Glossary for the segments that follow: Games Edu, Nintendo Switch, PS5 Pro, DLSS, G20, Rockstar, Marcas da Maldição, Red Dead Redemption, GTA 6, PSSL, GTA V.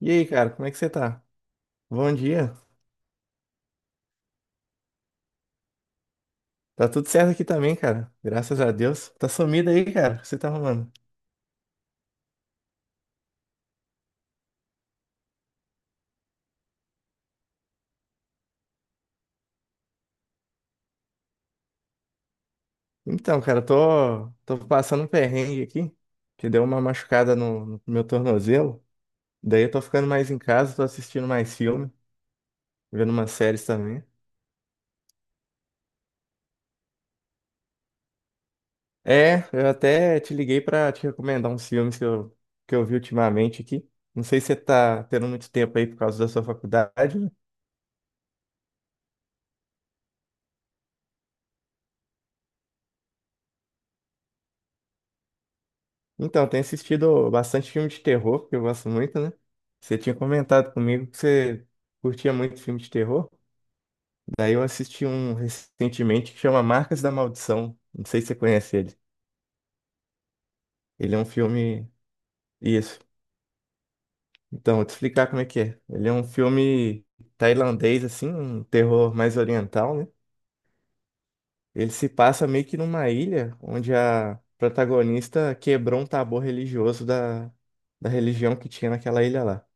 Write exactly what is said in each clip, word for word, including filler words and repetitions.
E aí, cara, como é que você tá? Bom dia. Tá tudo certo aqui também, cara. Graças a Deus. Tá sumido aí, cara. O que você tá arrumando? Então, cara, eu tô, tô passando um perrengue aqui, que deu uma machucada no, no meu tornozelo. Daí eu tô ficando mais em casa, tô assistindo mais filme, vendo umas séries também. É, eu até te liguei pra te recomendar uns filmes que eu, que eu vi ultimamente aqui. Não sei se você tá tendo muito tempo aí por causa da sua faculdade, né? Então, eu tenho assistido bastante filme de terror, que eu gosto muito, né? Você tinha comentado comigo que você curtia muito filme de terror. Daí eu assisti um recentemente que chama Marcas da Maldição. Não sei se você conhece ele. Ele é um filme. Isso. Então, vou te explicar como é que é. Ele é um filme tailandês, assim, um terror mais oriental, né? Ele se passa meio que numa ilha onde a protagonista quebrou um tabu religioso da, da religião que tinha naquela ilha lá.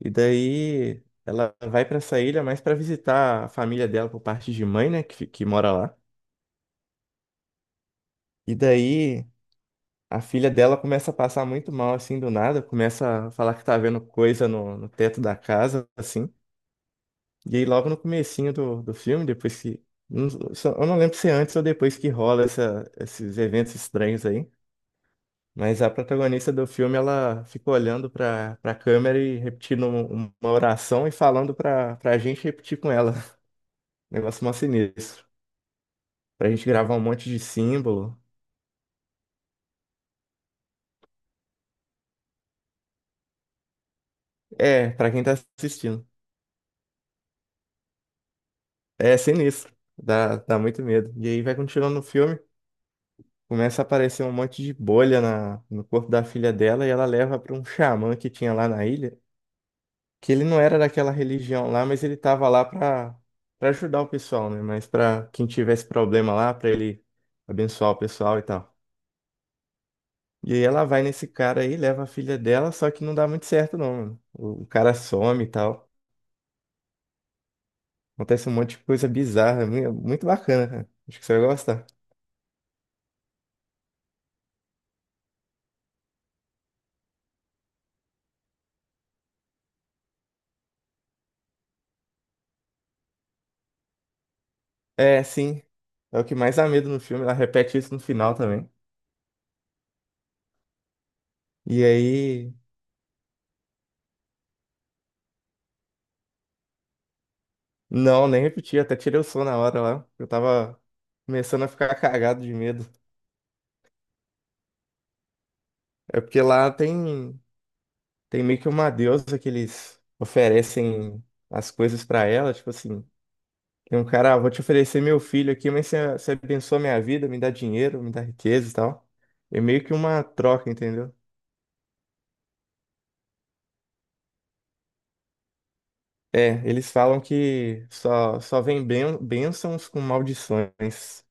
E daí ela vai pra essa ilha mais pra visitar a família dela por parte de mãe, né, que, fi- que mora lá. E daí a filha dela começa a passar muito mal assim do nada, começa a falar que tá vendo coisa no, no teto da casa, assim. E aí logo no comecinho do, do filme, depois que não- só- eu não lembro se é antes ou depois que rola essa- esses eventos estranhos aí, mas a protagonista do filme ela fica olhando pra para câmera e repetindo um- uma oração e falando pra para gente repetir com ela. Negócio mó sinistro. Pra gente gravar um monte de símbolo. É, pra quem tá assistindo. É sinistro. Dá, dá muito medo. E aí vai continuando no filme, começa a aparecer um monte de bolha na, no corpo da filha dela e ela leva pra um xamã que tinha lá na ilha, que ele não era daquela religião lá, mas ele tava lá pra, pra ajudar o pessoal, né? Mas pra quem tivesse problema lá, pra ele abençoar o pessoal e tal. E aí ela vai nesse cara aí, leva a filha dela, só que não dá muito certo não, mano. O, o cara some e tal. Acontece um monte de coisa bizarra, é mu- muito bacana, cara. Acho que você vai gostar. É, sim. É o que mais dá medo no filme, ela repete isso no final também. E aí. Não, nem repeti, até tirei o som na hora lá. Eu tava começando a ficar cagado de medo. É porque lá tem, tem meio que uma deusa que eles oferecem as coisas pra ela, tipo assim. Tem um cara, ah, vou te oferecer meu filho aqui, mas você, você abençoa minha vida, me dá dinheiro, me dá riqueza e tal. É meio que uma troca, entendeu? É, eles falam que só, só vem ben, bênçãos com maldições.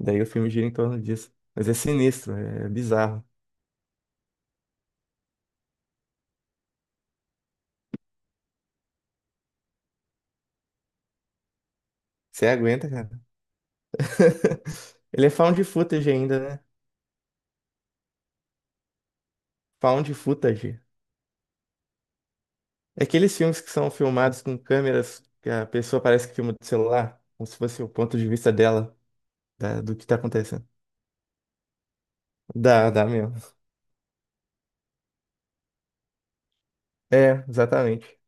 Daí o filme gira em torno disso. Mas é sinistro, é bizarro. Você aguenta, cara? Ele é found footage ainda, né? Found footage. É aqueles filmes que são filmados com câmeras que a pessoa parece que filma do celular, como se fosse o ponto de vista dela, da- do que tá acontecendo. Dá, dá mesmo. É, exatamente.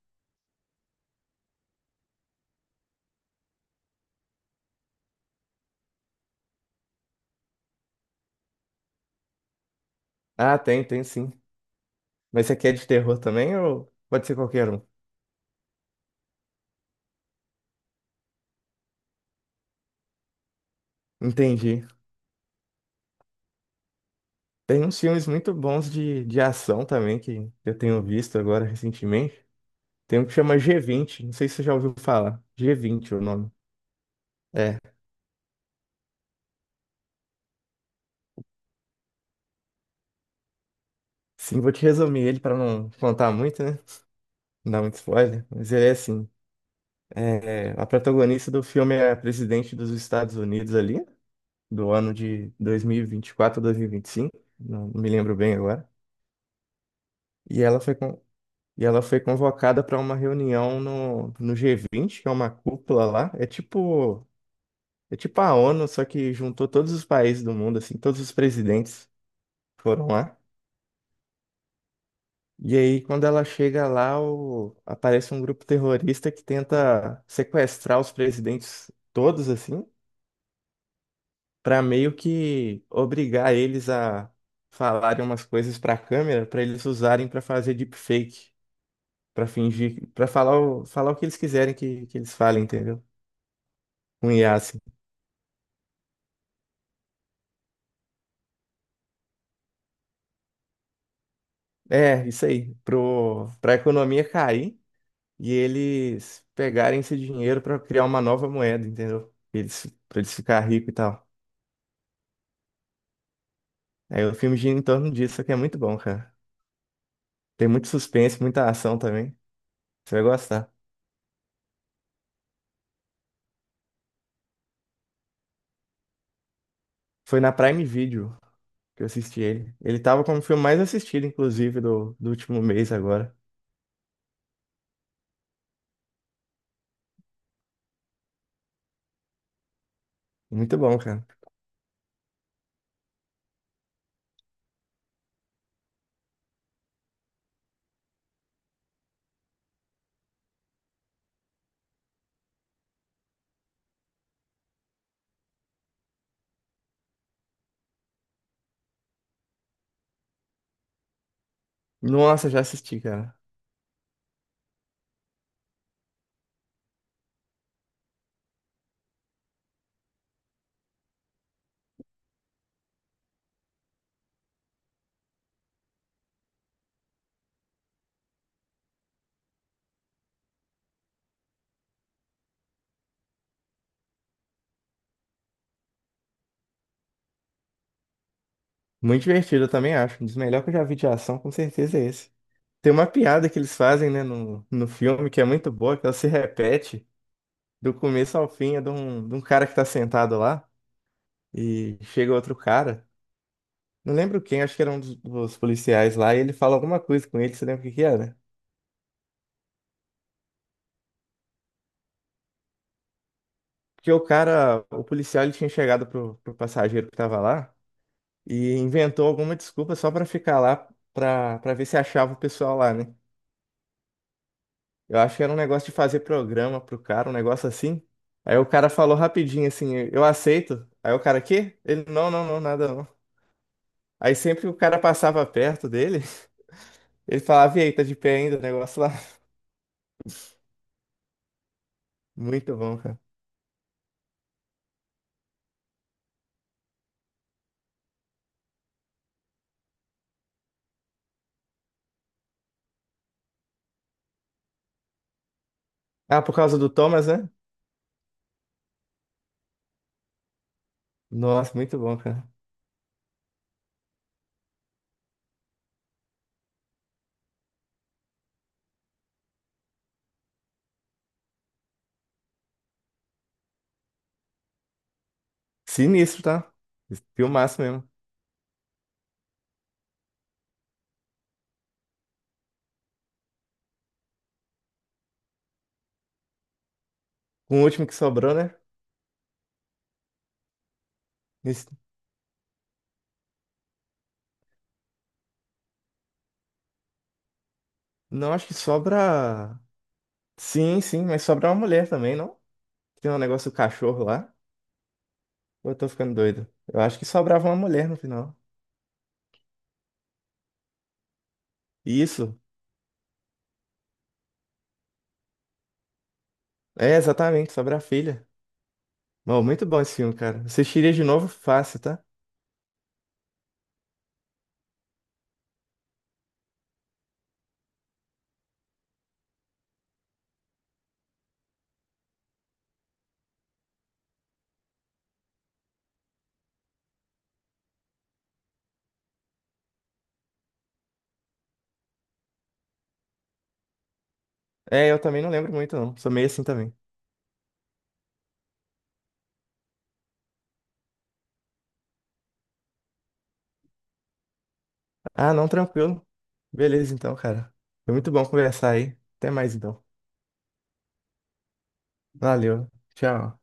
Ah, tem, tem sim. Mas você quer de terror também ou pode ser qualquer um? Entendi. Tem uns filmes muito bons de, de ação também que eu tenho visto agora recentemente. Tem um que chama G vinte, não sei se você já ouviu falar. G vinte é o nome. É. Sim, vou te resumir ele para não contar muito, né? Não dar muito spoiler. Mas ele é assim: é, a protagonista do filme é a presidente dos Estados Unidos ali, do ano de dois mil e vinte e quatro ou dois mil e vinte e cinco, não me lembro bem agora. E ela foi, con- e ela foi convocada para uma reunião no, no G vinte, que é uma cúpula lá. É tipo. É tipo a ONU, só que juntou todos os países do mundo, assim, todos os presidentes foram lá. E aí, quando ela chega lá, o- aparece um grupo terrorista que tenta sequestrar os presidentes todos, assim, pra meio que obrigar eles a falarem umas coisas pra câmera, pra eles usarem pra fazer deepfake, pra fingir, pra falar o, falar o que eles quiserem que, que eles falem, entendeu? Um I A, assim. É, isso aí. Pro, pra economia cair, e eles pegarem esse dinheiro para criar uma nova moeda, entendeu? Eles, para eles ficar rico e tal. Aí o filme gira em torno disso, só que é muito bom, cara. Tem muito suspense, muita ação também. Você vai gostar. Foi na Prime Video que eu assisti ele. Ele tava como o filme mais assistido, inclusive, do, do último mês agora. Muito bom, cara. Nossa, já assisti, cara. Muito divertido, eu também acho. Um dos melhores que eu já vi de ação, com certeza é esse. Tem uma piada que eles fazem, né, no, no filme que é muito boa, que ela se repete do começo ao fim. É de um, de um cara que tá sentado lá e chega outro cara. Não lembro quem, acho que era um dos, dos policiais lá, e ele fala alguma coisa com ele, você lembra o que que era? Porque o cara, o policial, ele tinha chegado pro, pro passageiro que tava lá e inventou alguma desculpa só pra ficar lá pra, pra ver se achava o pessoal lá, né? Eu acho que era um negócio de fazer programa pro cara, um negócio assim. Aí o cara falou rapidinho assim, eu aceito. Aí o cara, quê? Ele, não, não, não, nada não. Aí sempre o cara passava perto dele. Ele falava, e aí, tá de pé ainda o negócio lá? Muito bom, cara. Ah, por causa do Thomas, né? Nossa, muito bom, cara. Sinistro, tá? Filmaço mesmo. Com o último que sobrou, né? Esse- Não, acho que sobra. Sim, sim, mas sobra uma mulher também, não? Tem um negócio do cachorro lá. Ou eu tô ficando doido? Eu acho que sobrava uma mulher no final. Isso. É, exatamente, sobra a filha. Bom, muito bom esse filme, cara. Assistiria de novo fácil, tá? É, eu também não lembro muito, não. Sou meio assim também. Ah, não, tranquilo. Beleza, então, cara. Foi muito bom conversar aí. Até mais, então. Valeu. Tchau.